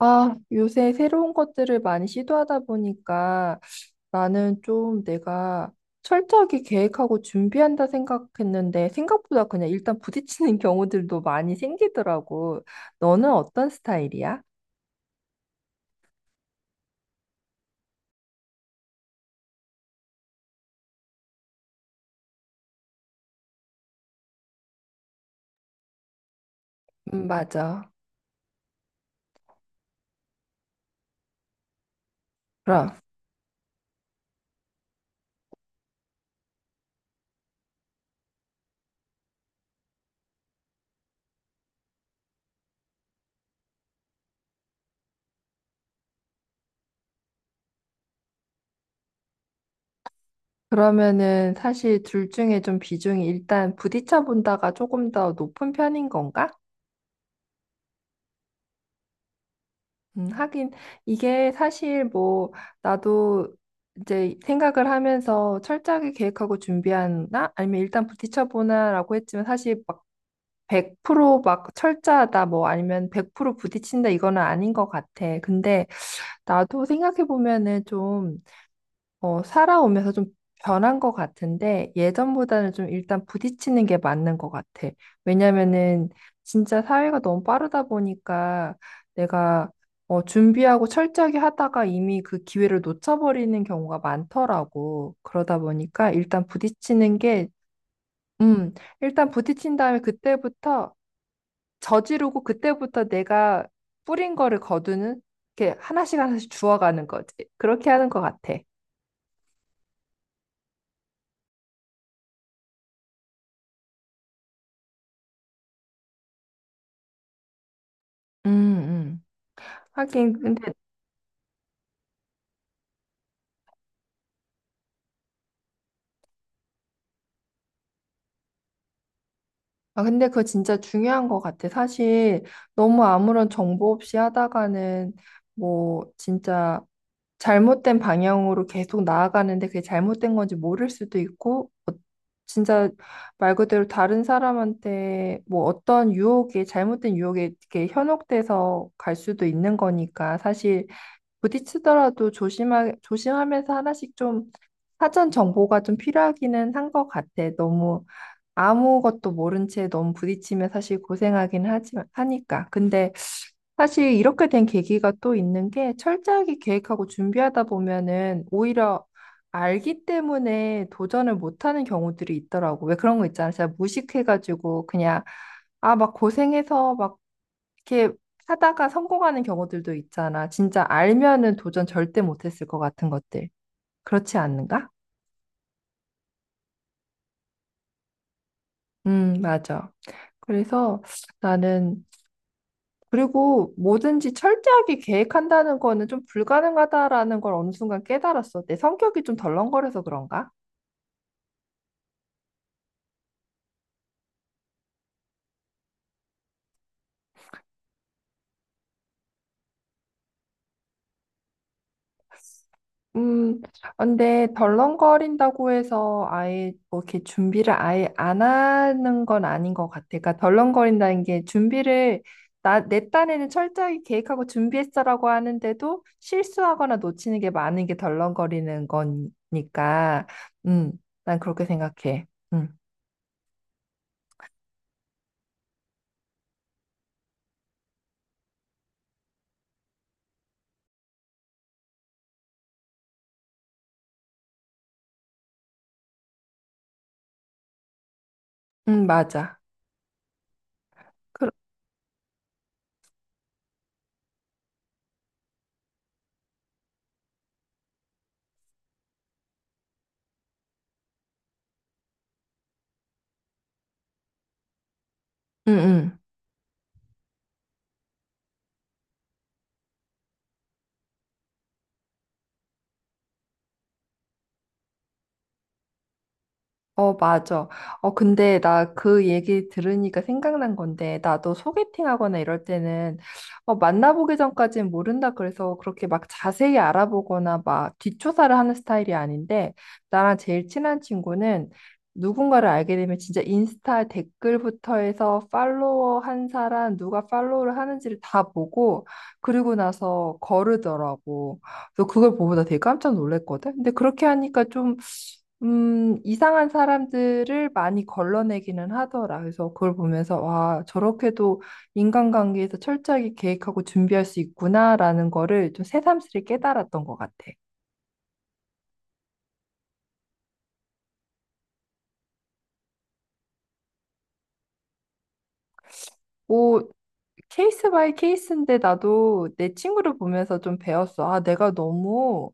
아, 요새 새로운 것들을 많이 시도하다 보니까 나는 좀 내가 철저하게 계획하고 준비한다 생각했는데 생각보다 그냥 일단 부딪히는 경우들도 많이 생기더라고. 너는 어떤 스타일이야? 맞아. 그럼. 그러면은 사실 둘 중에 좀 비중이 일단 부딪혀 본다가 조금 더 높은 편인 건가? 하긴 이게 사실 뭐 나도 이제 생각을 하면서 철저하게 계획하고 준비하나 아니면 일단 부딪혀보나라고 했지만 사실 막 100%막 철저하다 뭐 아니면 100% 부딪힌다 이거는 아닌 것 같아. 근데 나도 생각해보면은 좀 살아오면서 좀 변한 것 같은데 예전보다는 좀 일단 부딪히는 게 맞는 것 같아. 왜냐면은 진짜 사회가 너무 빠르다 보니까 내가 준비하고 철저하게 하다가 이미 그 기회를 놓쳐버리는 경우가 많더라고. 그러다 보니까 일단 부딪히는 게, 음, 일단 부딪힌 다음에 그때부터 저지르고 그때부터 내가 뿌린 거를 거두는 이렇게 하나씩 하나씩 주워가는 거지. 그렇게 하는 것 같아. 음, 음. 하긴 근데 아 근데 그거 진짜 중요한 것 같아. 사실 너무 아무런 정보 없이 하다가는 뭐 진짜 잘못된 방향으로 계속 나아가는데 그게 잘못된 건지 모를 수도 있고 진짜 말 그대로 다른 사람한테 뭐 어떤 유혹에 잘못된 유혹에 이렇게 현혹돼서 갈 수도 있는 거니까 사실 부딪히더라도 조심하면서 하나씩 좀 사전 정보가 좀 필요하기는 한 것 같아. 너무 아무것도 모른 채 너무 부딪히면 사실 고생하긴 하지, 하니까. 근데 사실 이렇게 된 계기가 또 있는 게 철저하게 계획하고 준비하다 보면은 오히려 알기 때문에 도전을 못하는 경우들이 있더라고. 왜 그런 거 있잖아. 진짜 무식해가지고 그냥 아, 막 고생해서 막 이렇게 하다가 성공하는 경우들도 있잖아. 진짜 알면은 도전 절대 못했을 것 같은 것들. 그렇지 않는가? 맞아. 그래서 나는 그리고 뭐든지 철저하게 계획한다는 거는 좀 불가능하다라는 걸 어느 순간 깨달았어. 내 성격이 좀 덜렁거려서 그런가? 음, 근데 덜렁거린다고 해서 아예 뭐 이렇게 준비를 아예 안 하는 건 아닌 것 같아. 그러니까 덜렁거린다는 게 준비를 내 딴에는 철저하게 계획하고 준비했어라고 하는데도 실수하거나 놓치는 게 많은 게 덜렁거리는 거니까. 음, 난 그렇게 생각해. 음, 맞아. 그, 음. 어, 맞아. 어, 근데 나 그 얘기 들으니까 생각난 건데, 나도 소개팅 하거나 이럴 때는, 어, 만나보기 전까지는 모른다 그래서 그렇게 막 자세히 알아보거나 막 뒷조사를 하는 스타일이 아닌데, 나랑 제일 친한 친구는 누군가를 알게 되면 진짜 인스타 댓글부터 해서 팔로워 한 사람, 누가 팔로우를 하는지를 다 보고, 그리고 나서 거르더라고. 그래서 그걸 보고 나 되게 깜짝 놀랐거든? 근데 그렇게 하니까 좀 이상한 사람들을 많이 걸러내기는 하더라. 그래서 그걸 보면서, 와, 저렇게도 인간관계에서 철저하게 계획하고 준비할 수 있구나라는 거를 좀 새삼스레 깨달았던 것 같아. 뭐, 케이스 바이 케이스인데 나도 내 친구를 보면서 좀 배웠어. 아, 내가 너무,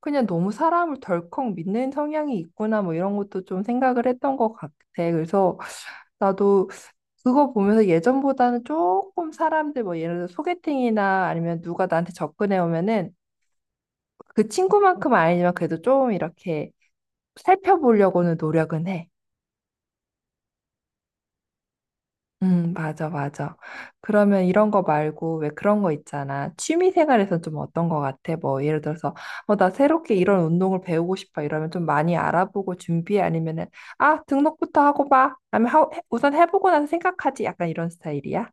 그냥 너무 사람을 덜컥 믿는 성향이 있구나, 뭐 이런 것도 좀 생각을 했던 것 같아. 그래서 나도 그거 보면서 예전보다는 조금 사람들 뭐 예를 들어 소개팅이나 아니면 누가 나한테 접근해 오면은 그 친구만큼은 아니지만 그래도 좀 이렇게 살펴보려고는 노력은 해. 맞아, 맞아. 그러면 이런 거 말고 왜 그런 거 있잖아. 취미 생활에선 좀 어떤 거 같아? 뭐 예를 들어서 나 새롭게 이런 운동을 배우고 싶어 이러면 좀 많이 알아보고 준비해 아니면은 아, 등록부터 하고 봐. 아니면 하, 우선 해보고 나서 생각하지. 약간 이런 스타일이야?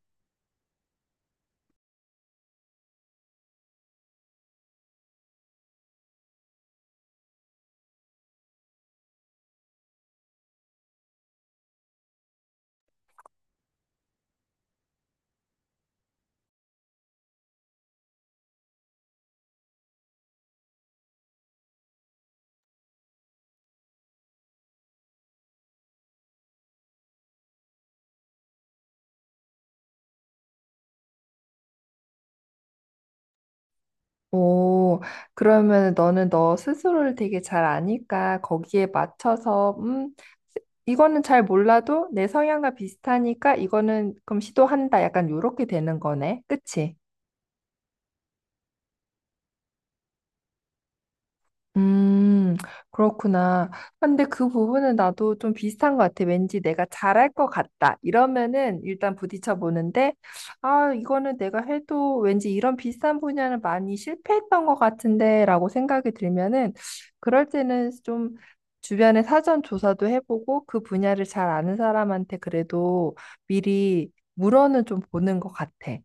오, 그러면 너는 너 스스로를 되게 잘 아니까 거기에 맞춰서, 이거는 잘 몰라도 내 성향과 비슷하니까 이거는 그럼 시도한다. 약간 요렇게 되는 거네. 그치? 음, 그렇구나. 근데 그 부분은 나도 좀 비슷한 것 같아. 왠지 내가 잘할 것 같다. 이러면은 일단 부딪혀 보는데, 아, 이거는 내가 해도 왠지 이런 비슷한 분야는 많이 실패했던 것 같은데 라고 생각이 들면은, 그럴 때는 좀 주변에 사전 조사도 해보고 그 분야를 잘 아는 사람한테 그래도 미리 물어는 좀 보는 것 같아.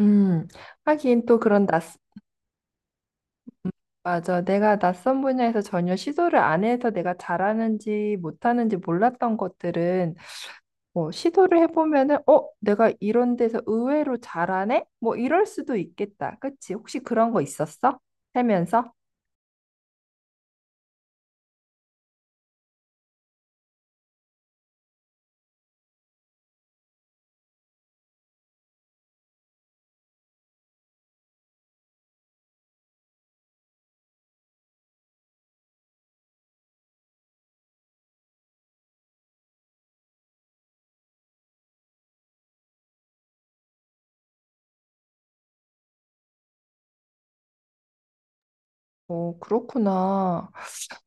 음, 하긴 또 그런 낯선 맞아. 내가 낯선 분야에서 전혀 시도를 안 해서 내가 잘하는지 못하는지 몰랐던 것들은 뭐 시도를 해보면은 어, 내가 이런 데서 의외로 잘하네? 뭐 이럴 수도 있겠다. 그치? 혹시 그런 거 있었어? 살면서? 어, 그렇구나.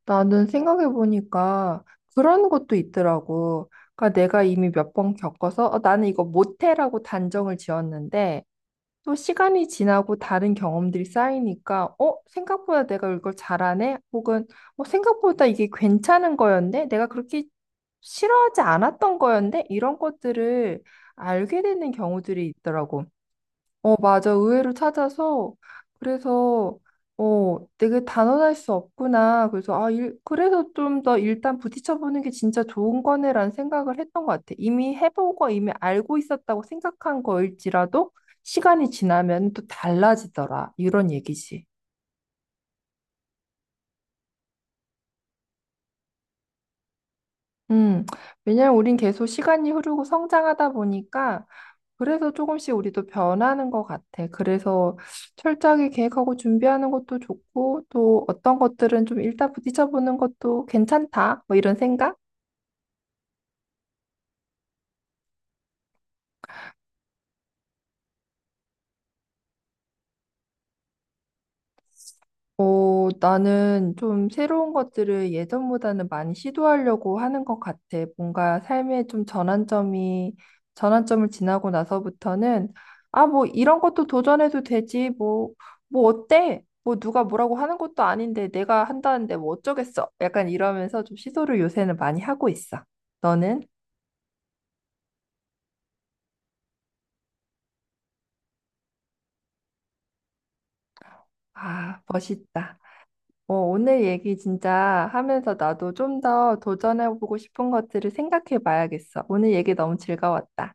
나는 생각해보니까 그런 것도 있더라고. 그러니까 내가 이미 몇 번 겪어서 어, 나는 이거 못해라고 단정을 지었는데 또 시간이 지나고 다른 경험들이 쌓이니까, 어, 생각보다 내가 이걸 잘하네? 혹은, 어, 생각보다 이게 괜찮은 거였네? 내가 그렇게 싫어하지 않았던 거였네? 이런 것들을 알게 되는 경우들이 있더라고. 어, 맞아. 의외로 찾아서, 그래서, 어, 되게 단언할 수 없구나. 그래서, 아, 일, 그래서 좀 더 일단 부딪혀보는 게 진짜 좋은 거네라는 생각을 했던 것 같아. 이미 해보고 이미 알고 있었다고 생각한 거일지라도 시간이 지나면 또 달라지더라. 이런 얘기지. 음, 왜냐면 우린 계속 시간이 흐르고 성장하다 보니까 그래서 조금씩 우리도 변하는 것 같아. 그래서 철저하게 계획하고 준비하는 것도 좋고, 또 어떤 것들은 좀 일단 부딪혀보는 것도 괜찮다. 뭐 이런 생각? 어, 나는 좀 새로운 것들을 예전보다는 많이 시도하려고 하는 것 같아. 뭔가 삶의 좀 전환점이, 전환점을 지나고 나서부터는, 아, 뭐, 이런 것도 도전해도 되지. 뭐, 뭐, 어때? 뭐, 누가 뭐라고 하는 것도 아닌데, 내가 한다는데 뭐 어쩌겠어. 약간 이러면서 좀 시도를 요새는 많이 하고 있어. 너는? 아, 멋있다. 어, 오늘 얘기 진짜 하면서 나도 좀 더 도전해보고 싶은 것들을 생각해 봐야겠어. 오늘 얘기 너무 즐거웠다.